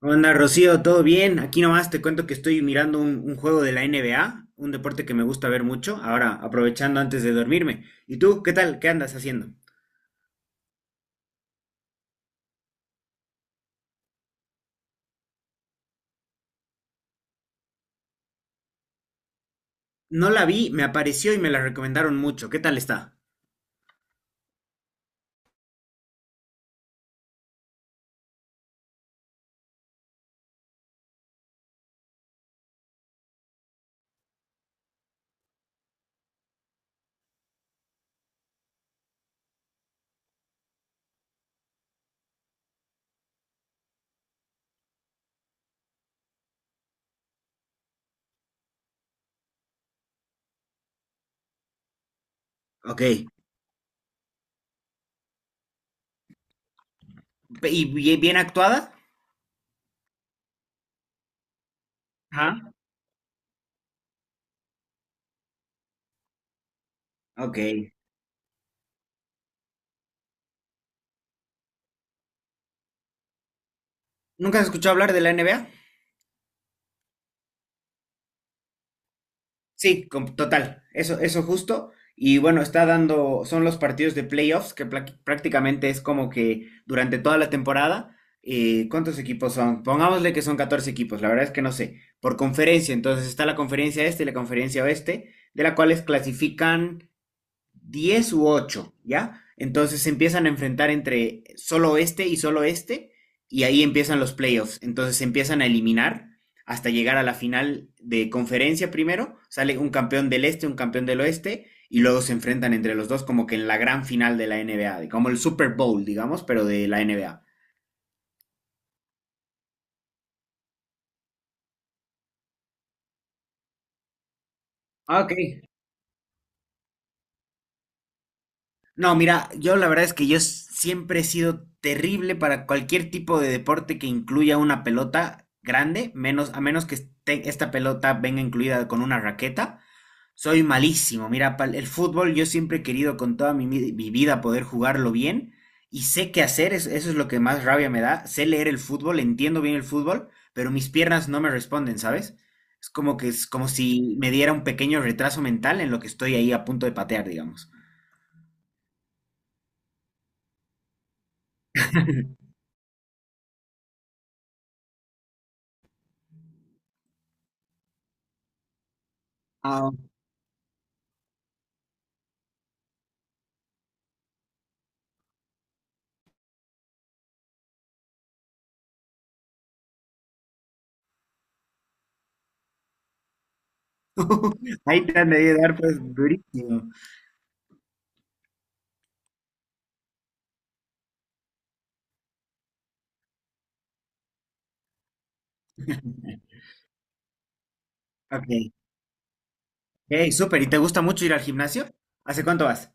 Onda, Rocío, ¿todo bien? Aquí nomás te cuento que estoy mirando un juego de la NBA, un deporte que me gusta ver mucho, ahora aprovechando antes de dormirme. ¿Y tú, qué tal? ¿Qué andas haciendo? No la vi, me apareció y me la recomendaron mucho. ¿Qué tal está? Ok. ¿Y bien, bien actuada? Ajá. Ok. ¿Nunca has escuchado hablar de la NBA? Sí, total, eso justo. Y bueno, está dando, son los partidos de playoffs, que prácticamente es como que durante toda la temporada, ¿cuántos equipos son? Pongámosle que son 14 equipos, la verdad es que no sé, por conferencia, entonces está la conferencia este y la conferencia oeste, de la cuales clasifican 10 u 8, ¿ya? Entonces se empiezan a enfrentar entre solo este, y ahí empiezan los playoffs. Entonces se empiezan a eliminar hasta llegar a la final de conferencia primero. Sale un campeón del este, un campeón del oeste, y luego se enfrentan entre los dos como que en la gran final de la NBA, como el Super Bowl, digamos, pero de la NBA. Ah, ok. No, mira, yo la verdad es que yo siempre he sido terrible para cualquier tipo de deporte que incluya una pelota grande, menos, a menos que esta pelota venga incluida con una raqueta. Soy malísimo. Mira, el fútbol yo siempre he querido con toda mi vida poder jugarlo bien y sé qué hacer, eso es lo que más rabia me da. Sé leer el fútbol, entiendo bien el fútbol, pero mis piernas no me responden, ¿sabes? Es como que es como si me diera un pequeño retraso mental en lo que estoy ahí a punto de patear, digamos. Ahí te han de dar pues durísimo. Ok, hey, súper. ¿Y te gusta mucho ir al gimnasio? ¿Hace cuánto vas?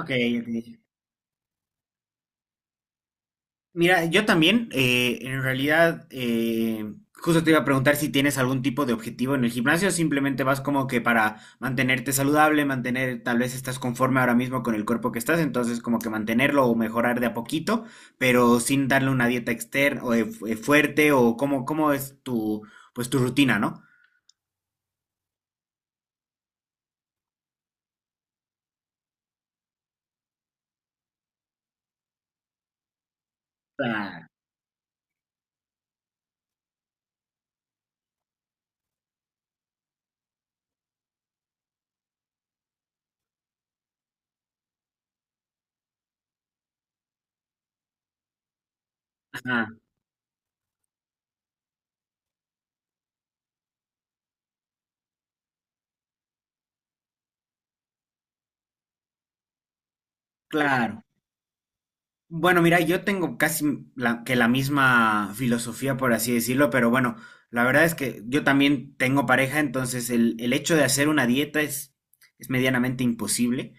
Ok, ok. Mira, yo también, en realidad, justo te iba a preguntar si tienes algún tipo de objetivo en el gimnasio o simplemente vas como que para mantenerte saludable, mantener, tal vez estás conforme ahora mismo con el cuerpo que estás, entonces como que mantenerlo o mejorar de a poquito, pero sin darle una dieta externa o fuerte o cómo es pues tu rutina, ¿no? Claro. Claro. Bueno, mira, yo tengo casi que la misma filosofía, por así decirlo, pero bueno, la verdad es que yo también tengo pareja, entonces el hecho de hacer una dieta es medianamente imposible.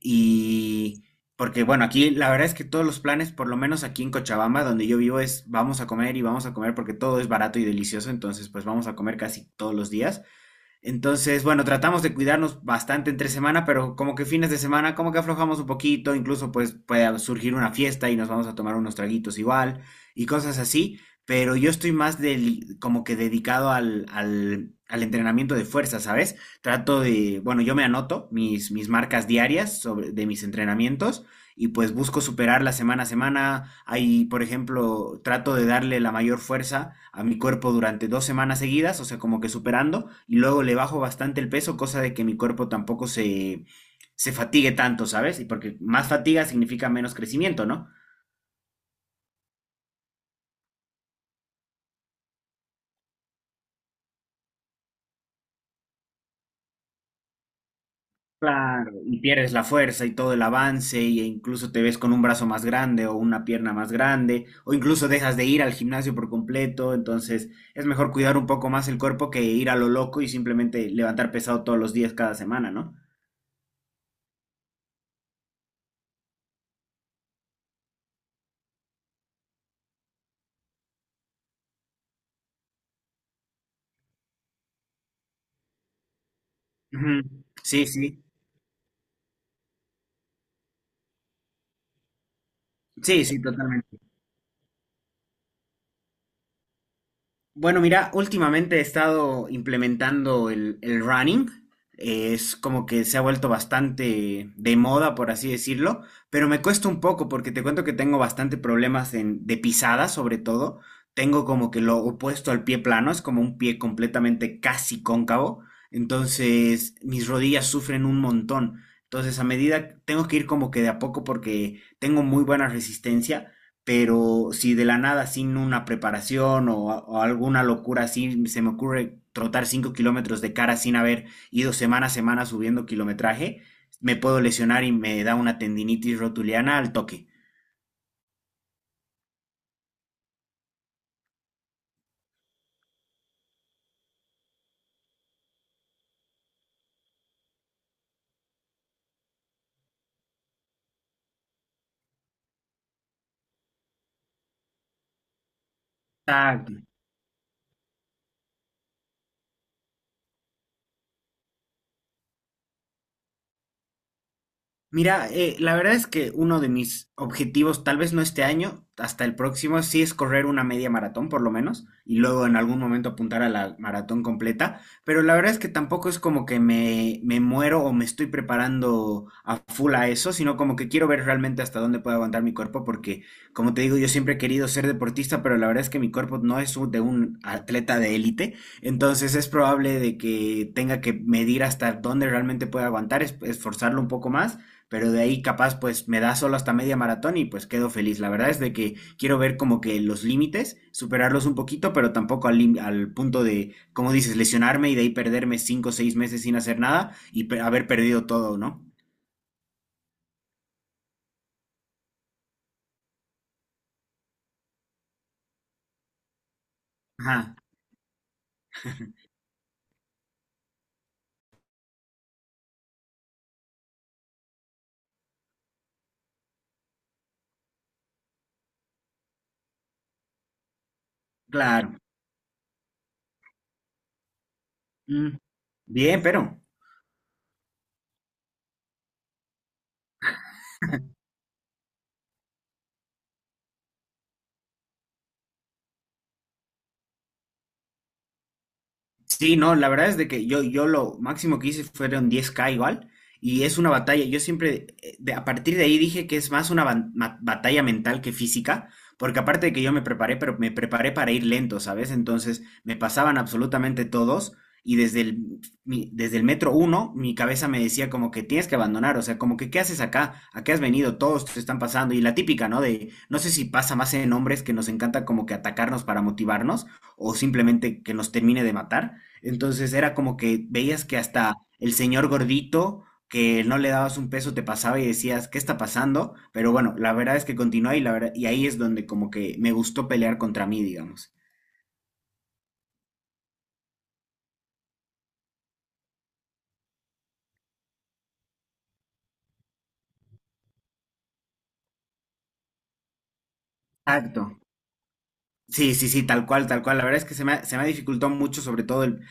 Y porque, bueno, aquí la verdad es que todos los planes, por lo menos aquí en Cochabamba, donde yo vivo, es vamos a comer y vamos a comer porque todo es barato y delicioso, entonces pues vamos a comer casi todos los días. Entonces, bueno, tratamos de cuidarnos bastante entre semana, pero como que fines de semana, como que aflojamos un poquito, incluso pues puede surgir una fiesta y nos vamos a tomar unos traguitos igual y cosas así, pero yo estoy más como que dedicado al entrenamiento de fuerza, ¿sabes? Trato de, bueno, yo me anoto mis marcas diarias de mis entrenamientos y pues busco superarla semana a semana. Ahí, por ejemplo, trato de darle la mayor fuerza a mi cuerpo durante 2 semanas seguidas, o sea, como que superando, y luego le bajo bastante el peso, cosa de que mi cuerpo tampoco se fatigue tanto, ¿sabes? Y porque más fatiga significa menos crecimiento, ¿no? Claro, y pierdes la fuerza y todo el avance, e incluso te ves con un brazo más grande o una pierna más grande, o incluso dejas de ir al gimnasio por completo, entonces es mejor cuidar un poco más el cuerpo que ir a lo loco y simplemente levantar pesado todos los días cada semana, ¿no? Ujú. Sí, sí, sí, sí, totalmente. Bueno, mira, últimamente he estado implementando el running. Es como que se ha vuelto bastante de moda, por así decirlo, pero me cuesta un poco porque te cuento que tengo bastante problemas de pisada, sobre todo. Tengo como que lo opuesto al pie plano, es como un pie completamente casi cóncavo. Entonces, mis rodillas sufren un montón. Entonces, a medida tengo que ir como que de a poco porque tengo muy buena resistencia pero si de la nada, sin una preparación o alguna locura así, se me ocurre trotar 5 kilómetros de cara sin haber ido semana a semana subiendo kilometraje, me puedo lesionar y me da una tendinitis rotuliana al toque. Está Mira, la verdad es que uno de mis objetivos, tal vez no este año, hasta el próximo, sí es correr una media maratón por lo menos, y luego en algún momento apuntar a la maratón completa, pero la verdad es que tampoco es como que me muero o me estoy preparando a full a eso, sino como que quiero ver realmente hasta dónde puedo aguantar mi cuerpo, porque como te digo, yo siempre he querido ser deportista, pero la verdad es que mi cuerpo no es de un atleta de élite, entonces es probable de que tenga que medir hasta dónde realmente pueda aguantar, esforzarlo un poco más pero de ahí capaz pues me da solo hasta media maratón y pues quedo feliz. La verdad es de que quiero ver como que los límites, superarlos un poquito, pero tampoco al punto de, como dices, lesionarme y de ahí perderme 5 o 6 meses sin hacer nada y haber perdido todo, ¿no? Ajá, claro. Mm. Bien, pero... Sí, no, la verdad es de que yo lo máximo que hice fueron 10K igual, y es una batalla, yo siempre, a partir de ahí dije que es más una batalla mental que física, porque aparte de que yo me preparé, pero me preparé para ir lento, ¿sabes? Entonces me pasaban absolutamente todos, y desde el metro uno, mi cabeza me decía como que tienes que abandonar, o sea, como que ¿qué haces acá? ¿A qué has venido? Todos te están pasando, y la típica, ¿no? De, no sé si pasa más en hombres que nos encanta como que atacarnos para motivarnos, o simplemente que nos termine de matar, entonces era como que veías que hasta el señor gordito, que no le dabas un peso, te pasaba y decías, ¿qué está pasando? Pero bueno, la verdad es que continúa y, la verdad, y ahí es donde como que me gustó pelear contra mí, digamos. Exacto. Sí, sí, sí, tal cual, tal cual. La verdad es que se me ha dificultado mucho, sobre todo el,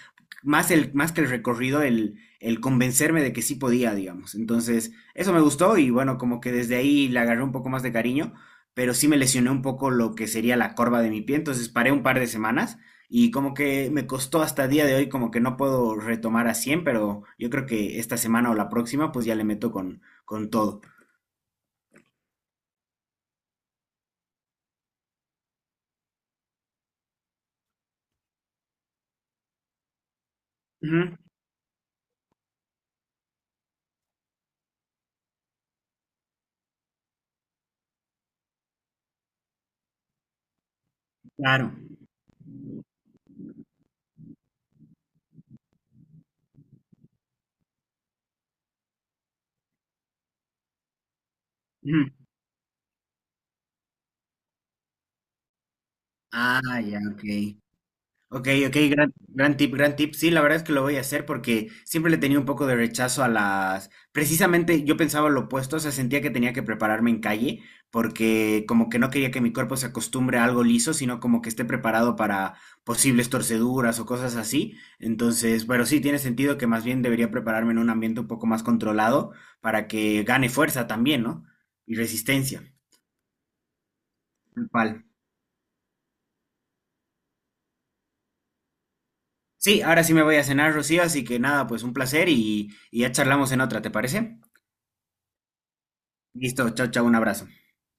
más el, más que el recorrido, el convencerme de que sí podía, digamos. Entonces, eso me gustó y bueno, como que desde ahí le agarré un poco más de cariño, pero sí me lesioné un poco lo que sería la corva de mi pie, entonces paré un par de semanas y como que me costó hasta el día de hoy, como que no puedo retomar a 100, pero yo creo que esta semana o la próxima, pues ya le meto con todo. Ujú, claro. Ujú. Ah, ya, ok. Ok, ok, gran tip, gran tip. Sí, la verdad es que lo voy a hacer porque siempre le tenía un poco de rechazo a las... Precisamente yo pensaba lo opuesto, o sea, sentía que tenía que prepararme en calle porque como que no quería que mi cuerpo se acostumbre a algo liso, sino como que esté preparado para posibles torceduras o cosas así. Entonces, pero sí, tiene sentido que más bien debería prepararme en un ambiente un poco más controlado para que gane fuerza también, ¿no? Y resistencia. Tal cual. Sí, ahora sí me voy a cenar, Rocío, así que nada, pues un placer y ya charlamos en otra, ¿te parece? Listo, chao, chao, un abrazo.